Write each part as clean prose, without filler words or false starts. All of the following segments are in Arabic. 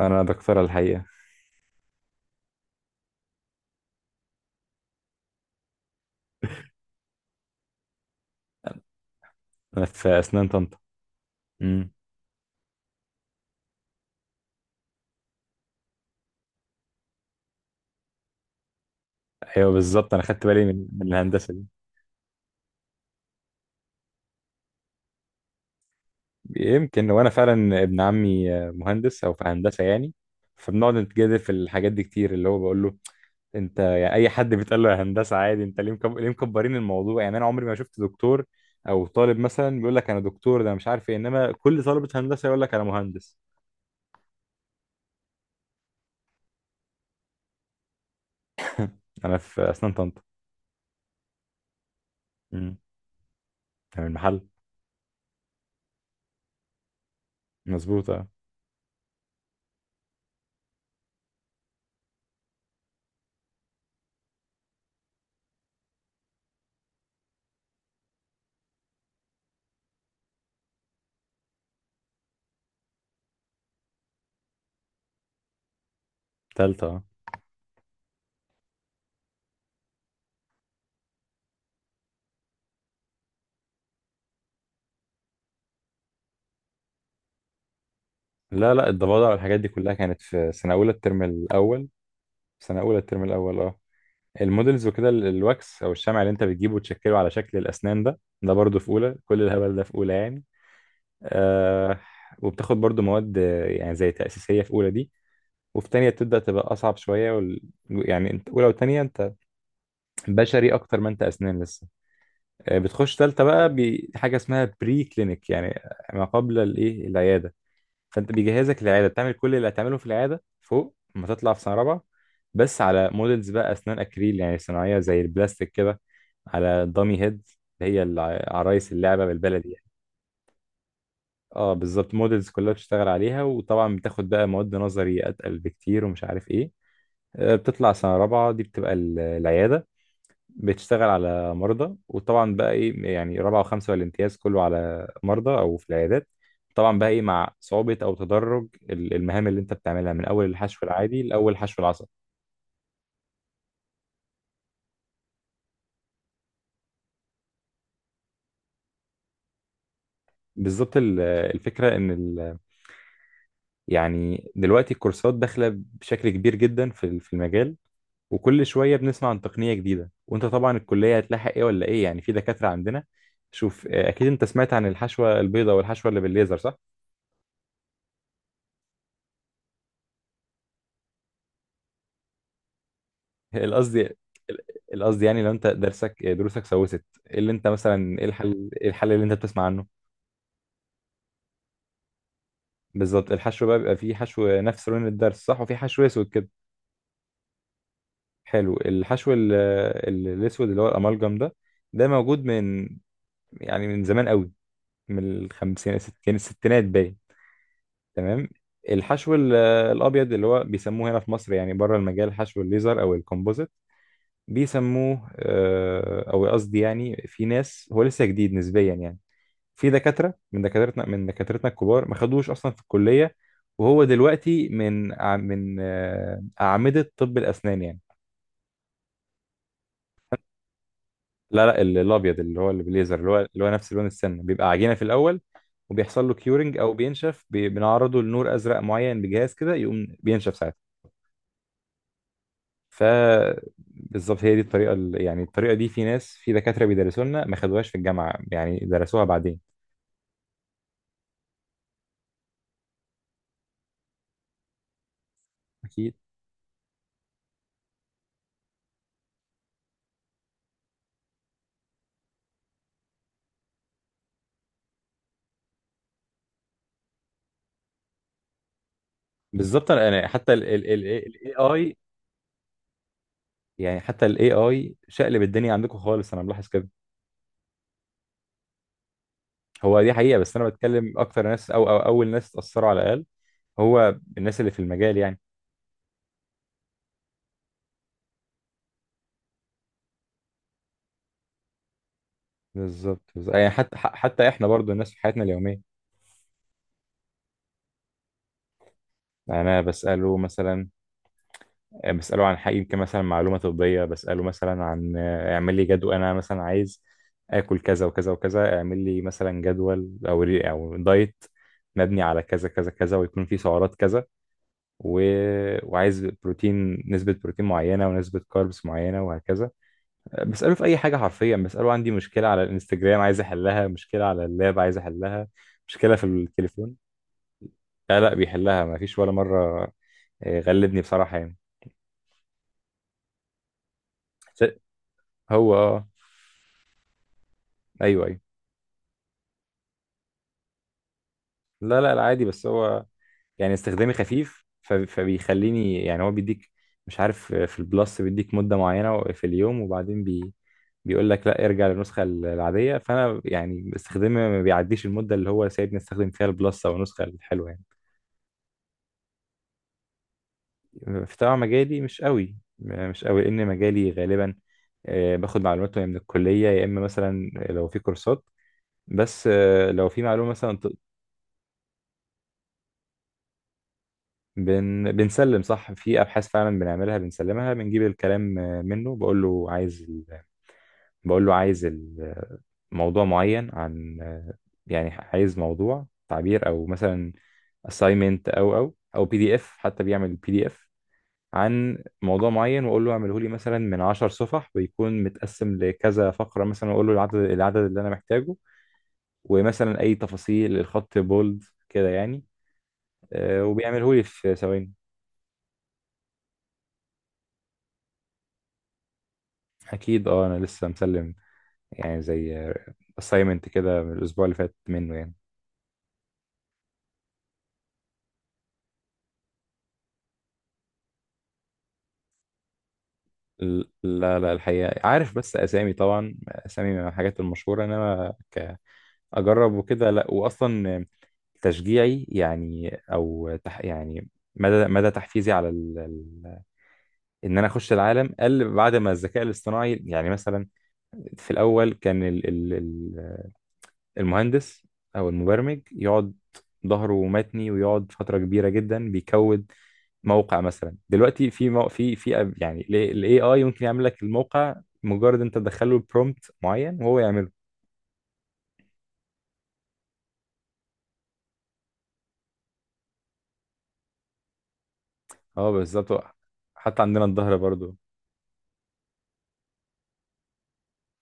انا دكتورة الحقيقة. انا في اسنان طنطا. امم ايوه بالظبط، انا خدت بالي من الهندسة دي. يمكن، وانا فعلا ابن عمي مهندس او في هندسة يعني، فبنقعد نتجادل في الحاجات دي كتير. اللي هو بقول له انت يعني اي حد بيتقال له يا هندسه عادي، انت ليه ليه مكبرين الموضوع يعني؟ انا عمري ما شفت دكتور او طالب مثلا بيقول لك انا دكتور ده أنا مش عارف ايه، انما كل طالبه هندسه يقول لك انا مهندس. انا في اسنان طنطا. امم أنا من المحل. مظبوط، اه. تالتة، اه. لا لا، الضفادع والحاجات دي كلها كانت في سنة أولى الترم الأول. سنة أولى الترم الأول، اه. المودلز وكده الواكس أو الشمع اللي أنت بتجيبه وتشكله على شكل الأسنان، ده ده برضه في أولى. كل الهبل ده في أولى يعني. آه. وبتاخد برضه مواد يعني زي تأسيسية في أولى دي. وفي تانية بتبدأ تبقى أصعب شوية يعني أنت أولى وتانية أنت بشري أكتر ما أنت أسنان لسه. آه، بتخش تالتة بقى بحاجة اسمها بري كلينيك، يعني ما قبل الإيه، العيادة. فانت بيجهزك للعياده، بتعمل كل اللي هتعمله في العياده فوق لما تطلع في سنه رابعه، بس على مودلز بقى، اسنان اكريل يعني صناعيه زي البلاستيك كده، على دامي هيد، اللي هي عرايس اللعبه بالبلدي يعني. اه بالظبط، مودلز كلها بتشتغل عليها. وطبعا بتاخد بقى مواد نظري اتقل بكتير ومش عارف ايه. بتطلع سنه رابعه دي، بتبقى العياده، بتشتغل على مرضى. وطبعا بقى ايه، يعني رابعه وخمسه والامتياز كله على مرضى او في العيادات، طبعا بقى ايه مع صعوبه او تدرج المهام اللي انت بتعملها من اول الحشو العادي لاول حشو العصب. بالظبط، الفكره ان ال يعني دلوقتي الكورسات داخله بشكل كبير جدا في في المجال، وكل شويه بنسمع عن تقنيه جديده، وانت طبعا الكليه هتلاحق ايه ولا ايه يعني. في دكاتره عندنا، شوف، آه، اكيد انت سمعت عن الحشوه البيضاء والحشوه اللي بالليزر صح؟ القصد، القصد يعني لو انت درسك دروسك سوست، ايه اللي انت مثلا، ايه الحل، ايه الحل اللي انت بتسمع عنه؟ بالظبط، الحشو بقى بيبقى فيه حشو نفس لون الدرس صح، وفي حشو اسود كده. حلو. الحشو الاسود اللي هو الامالجم ده، ده موجود من، يعني من زمان قوي، من الخمسينات الستين الستينات باين. تمام. الحشو الابيض اللي هو بيسموه هنا في مصر، يعني بره المجال حشو الليزر او الكومبوزيت بيسموه، آه، او قصدي يعني في ناس، هو لسه جديد نسبيا يعني. في دكاترة من دكاترتنا الكبار ما خدوش أصلا في الكلية، وهو دلوقتي من أعمدة طب الأسنان يعني. لا لا، الأبيض اللي هو اللي بالليزر، اللي هو اللي هو نفس لون السن، بيبقى عجينة في الأول، وبيحصل له كيورنج أو بينشف، بنعرضه لنور أزرق معين بجهاز كده، يقوم بينشف ساعتها. ف بالظبط، هي دي الطريقة يعني الطريقة دي في ناس، في دكاترة بيدرسوا لنا ما خدوهاش في الجامعة، يعني درسوها بعدين. أكيد. بالظبط. أنا حتى الاي اي، يعني حتى الاي اي شقلب الدنيا عندكم خالص، انا ملاحظ كده. هو دي حقيقه، بس انا بتكلم اكتر ناس أو اول ناس اتاثروا على الاقل، هو الناس اللي في المجال يعني. بالظبط. يعني حتى حتى احنا برضو الناس في حياتنا اليوميه. يعني انا بساله مثلا، بساله عن حاجه، يمكن مثلا معلومه طبيه، بساله مثلا عن، آه، اعمل لي جدول، انا مثلا عايز اكل كذا وكذا وكذا، اعمل لي مثلا جدول او دايت مبني على كذا كذا كذا، ويكون فيه سعرات كذا و... وعايز بروتين، نسبة بروتين معينة ونسبة كاربس معينة وهكذا. بسأله في أي حاجة حرفيا. بسأله عندي مشكلة على الانستجرام عايز أحلها، مشكلة على اللاب عايز أحلها، مشكلة في التليفون. لا لا، بيحلها، ما فيش ولا مرة. آه، غلبني بصراحة يعني. س- هو اه. ايوه ايوه. لا لا لا، عادي. بس هو يعني استخدامي خفيف، فبيخليني يعني، هو بيديك، مش عارف، في البلس بيديك مدة معينة في اليوم، وبعدين بيقول لك لا ارجع للنسخة العادية. فأنا يعني استخدامي ما بيعديش المدة اللي هو سايبني استخدم فيها البلس أو النسخة الحلوة يعني. في طبعا، مجالي مش قوي مش قوي، لأن مجالي غالبا، آه، باخد معلومات من الكلية، يا إما مثلا لو في كورسات، بس آه، لو في معلومة مثلا بنسلم صح، في ابحاث فعلا بنعملها بنسلمها، بنجيب الكلام، آه، منه. بقول له بقول له موضوع معين عن، آه، يعني عايز موضوع تعبير، او مثلا assignment، او بي دي اف، حتى بيعمل بي دي اف عن موضوع معين، واقول له اعمله لي مثلا من 10 صفح، ويكون متقسم لكذا فقره مثلا، واقول له العدد العدد اللي انا محتاجه. ومثلا اي تفاصيل، الخط بولد كده يعني. آه، وبيعمله لي في ثواني. اكيد اه، انا لسه مسلم يعني زي assignment كده من الأسبوع اللي فات منه يعني. لا لا، الحقيقة عارف بس أسامي، طبعا أسامي من الحاجات المشهورة، إنما كأجرب وكده لا. وأصلا تشجيعي يعني او تح يعني، مدى مدى تحفيزي على ان انا اخش العالم قل بعد ما الذكاء الاصطناعي، يعني مثلا في الاول كان المهندس او المبرمج يقعد ظهره متني ويقعد فتره كبيره جدا بيكود موقع مثلا، دلوقتي في في يعني الاي اي ممكن يعمل لك الموقع، مجرد انت تدخله برومبت معين وهو يعمله. اه بالظبط، هو حتى عندنا الظهر برضو.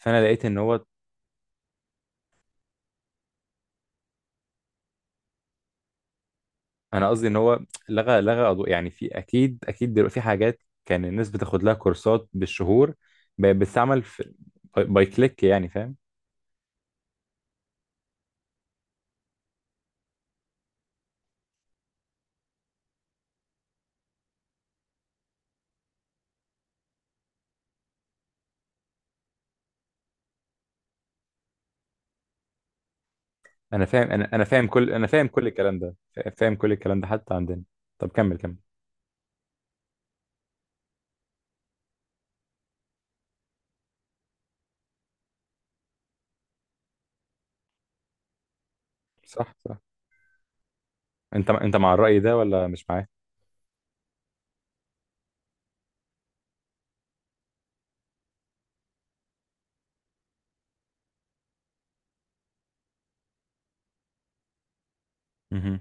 فانا لقيت ان هو، انا قصدي ان هو لغى أضو... يعني في اكيد، اكيد دلوقتي في حاجات كان الناس بتاخد لها كورسات بالشهور، بقت بتستعمل في باي كليك يعني، فاهم. انا فاهم كل الكلام ده، فاهم كل الكلام ده حتى عندنا. طب كمل، صح صح. انت انت مع الرأي ده ولا مش معاه؟ مهم.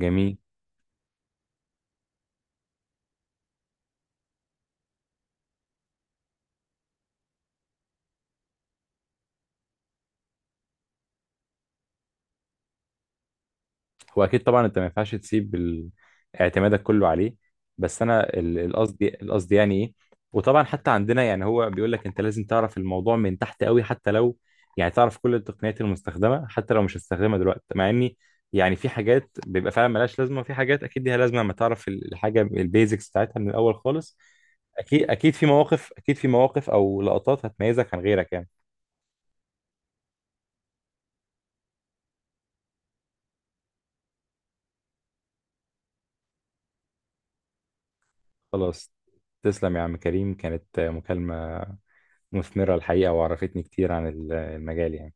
جميل. هو اكيد طبعا، انت ما ينفعش تسيب اعتمادك كله عليه، بس انا القصد يعني ايه، وطبعا حتى عندنا يعني هو بيقول لك انت لازم تعرف الموضوع من تحت قوي، حتى لو يعني تعرف كل التقنيات المستخدمه حتى لو مش هتستخدمها دلوقتي. مع اني يعني في حاجات بيبقى فعلا ملهاش لازمه، وفي حاجات اكيد ليها لازمه لما تعرف الحاجه البيزكس بتاعتها من الاول خالص. اكيد اكيد، في مواقف، او لقطات هتميزك عن غيرك يعني. خلاص، تسلم يا عم كريم. كانت مكالمه مثمرة الحقيقة، وعرفتني كتير عن المجال يعني.